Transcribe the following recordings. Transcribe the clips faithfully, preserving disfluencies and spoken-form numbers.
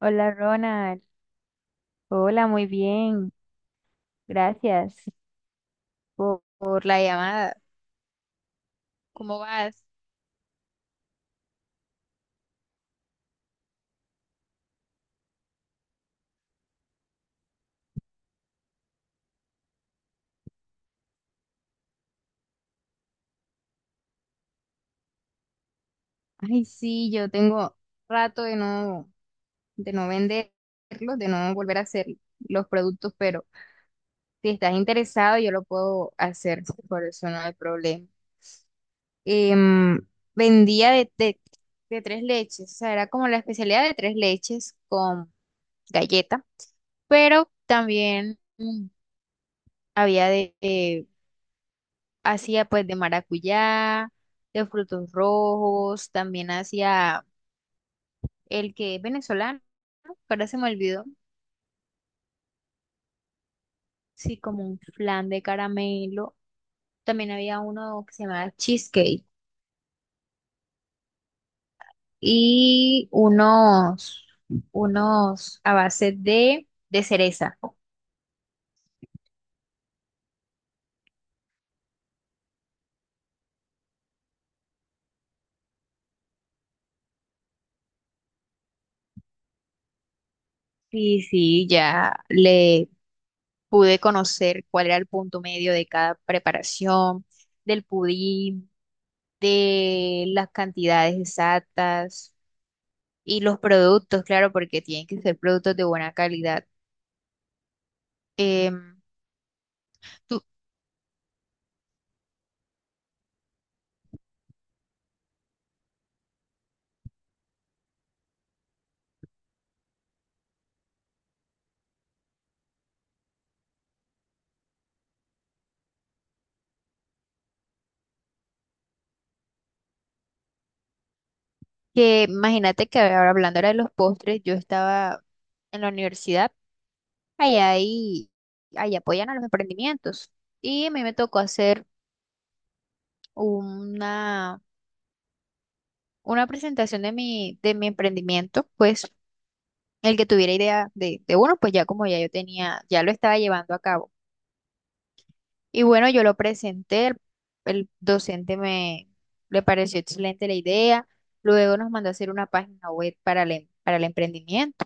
Hola Ronald, hola, muy bien, gracias por, por la llamada. ¿Cómo vas? Ay, sí, yo tengo rato de no, de no venderlos, de no volver a hacer los productos, pero si estás interesado, yo lo puedo hacer, por eso no hay problema. Em, Vendía de, de, de tres leches, o sea, era como la especialidad de tres leches con galleta, pero también mm, había de, eh, hacía pues de maracuyá, de frutos rojos, también hacía el que es venezolano, ahora se me olvidó. Sí, como un flan de caramelo. También había uno que se llamaba cheesecake y unos, unos a base de, de cereza. Sí, sí, ya le pude conocer cuál era el punto medio de cada preparación, del pudín, de las cantidades exactas. Y los productos, claro, porque tienen que ser productos de buena calidad. Em, tú- que imagínate que ahora hablando ahora de los postres, yo estaba en la universidad, allá ahí, ahí apoyan a los emprendimientos. Y a mí me tocó hacer una, una presentación de mi, de mi emprendimiento, pues el que tuviera idea de, de uno, pues ya como ya yo tenía, ya lo estaba llevando a cabo. Y bueno, yo lo presenté, el, el docente me le pareció excelente la idea, luego nos mandó a hacer una página web para el, em- para el emprendimiento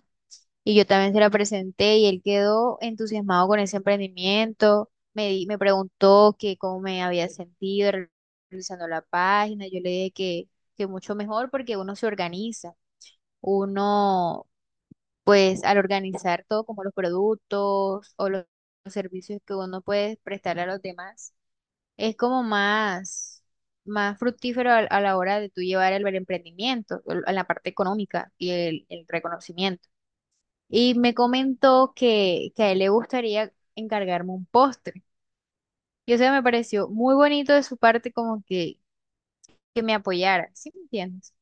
y yo también se la presenté y él quedó entusiasmado con ese emprendimiento, me, di- me preguntó que cómo me había sentido re- realizando la página. Yo le dije que, que mucho mejor porque uno se organiza, uno pues al organizar todo como los productos o los los servicios que uno puede prestarle a los demás es como más, más fructífero a, a la hora de tú llevar el, el emprendimiento, el- en la parte económica y el, el reconocimiento. Y me comentó que, que a él le gustaría encargarme un postre. Y eso me pareció muy bonito de su parte como que, que me apoyara, ¿sí me entiendes?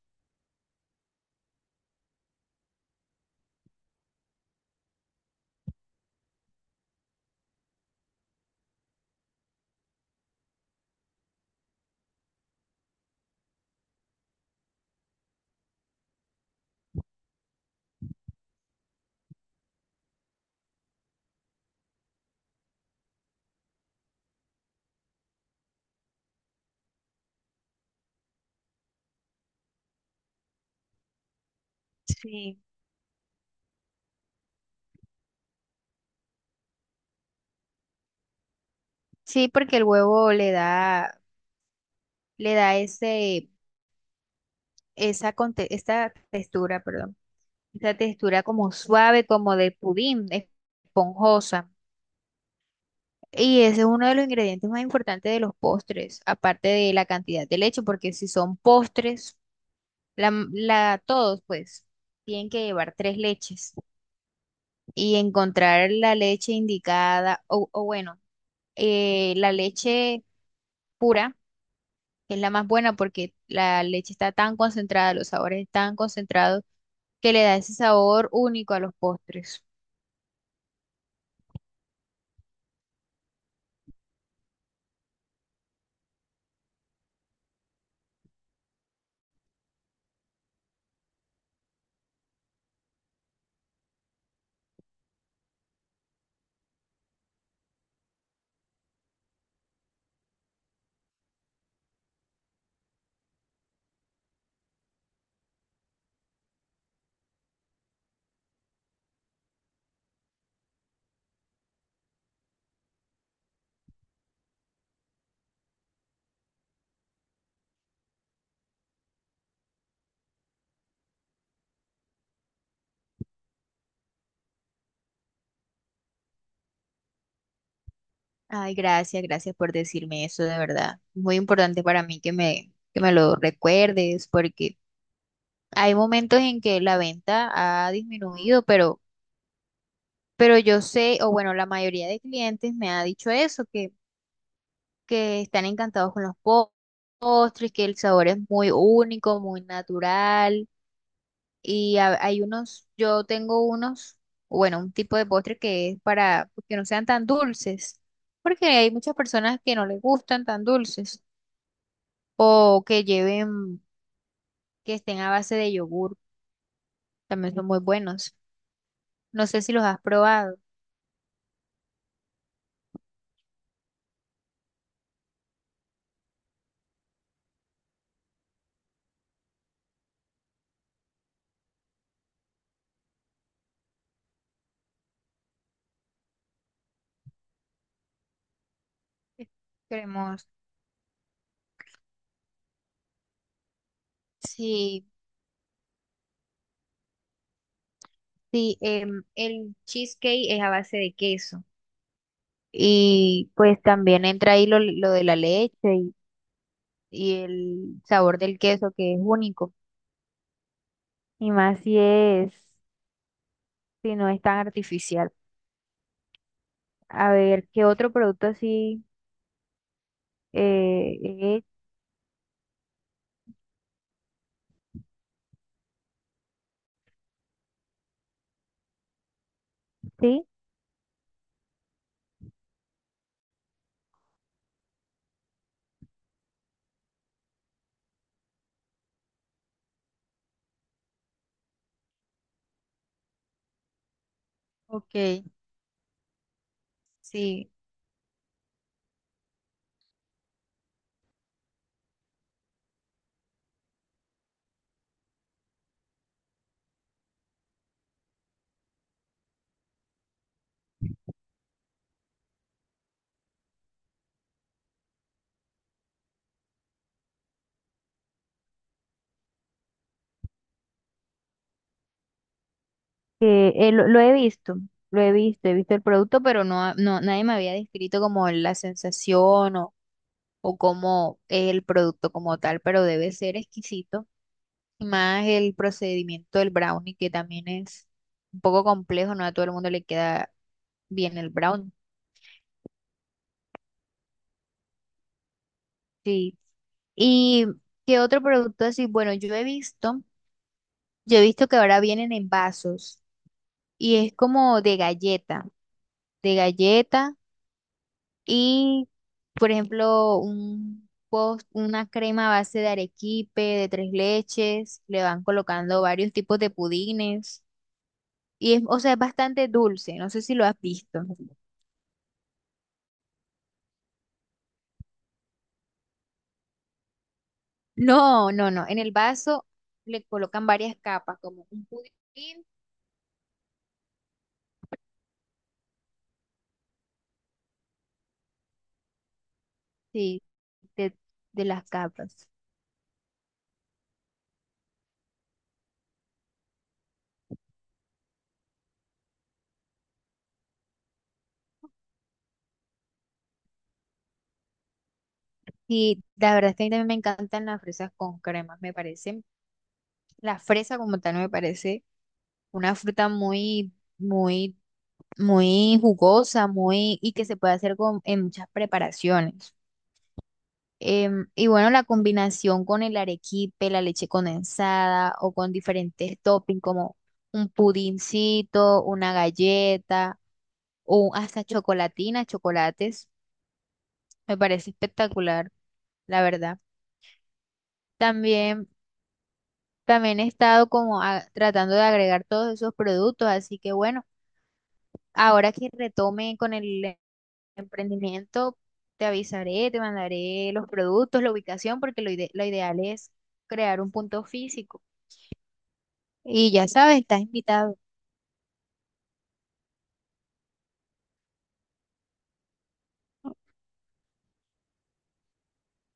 Sí. Sí, porque el huevo le da, le da ese, esa, conte- esta textura, perdón, esta textura como suave, como de pudín, esponjosa. Y ese es uno de los ingredientes más importantes de los postres, aparte de la cantidad de leche, porque si son postres, la, m- la- todos pues tienen que llevar tres leches y encontrar la leche indicada, o, o bueno, eh, la leche pura, es la más buena porque la leche está tan concentrada, los sabores están concentrados, que le da ese sabor único a los postres. Ay, gracias, gracias por decirme eso, de verdad. Muy importante para mí que me, que me lo recuerdes, porque hay momentos en que la venta ha disminuido, pero, pero yo sé, o bueno, la mayoría de clientes me ha dicho eso, que, que están encantados con los po- postres, que el sabor es muy único, muy natural. Y ha- hay unos, yo tengo unos, bueno, un tipo de postre que es para que no sean tan dulces, porque hay muchas personas que no les gustan tan dulces, o que lleven, que estén a base de yogur, también son muy buenos. No sé si los has probado. Cremoso. Sí, sí, em, el cheesecake es a base de queso. Y pues también entra ahí lo, lo de la leche y, y el sabor del queso que es único. Y más si es, si no es tan artificial. A ver, ¿qué otro producto así eh, he hecho? Sí. Ok, sí, que, eh, lo, lo he visto, lo he visto, he visto el producto, pero no, no, nadie me había descrito como la sensación o o como el producto como tal, pero debe ser exquisito. Y más el procedimiento del brownie, que también es un poco complejo, no a todo el mundo le queda bien el brownie. Sí. ¿Y qué otro producto así? Bueno, yo he visto, yo he visto que ahora vienen en vasos y es como de galleta, de galleta y, por ejemplo, un post una crema a base de arequipe, de tres leches, le van colocando varios tipos de pudines. Y es, o sea, es bastante dulce, no sé si lo has visto. No, no, no. En el vaso le colocan varias capas, como un pudín, sí, de, de las capas. Y la verdad es que a mí también me encantan las fresas con cremas, me parecen. La fresa como tal me parece una fruta muy, muy, muy jugosa, muy, y que se puede hacer con, en muchas preparaciones. Em, y bueno, la combinación con el arequipe, la leche condensada o con diferentes toppings como un pudincito, una galleta o hasta chocolatina, chocolates, me parece espectacular, la verdad. También, también he estado como a- tratando de agregar todos esos productos, así que bueno, ahora que retome con el em- emprendimiento, te avisaré, te mandaré los productos, la ubicación, porque lo ide- lo ideal es crear un punto físico. Y ya sabes, estás invitado.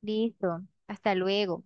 Listo. Hasta luego.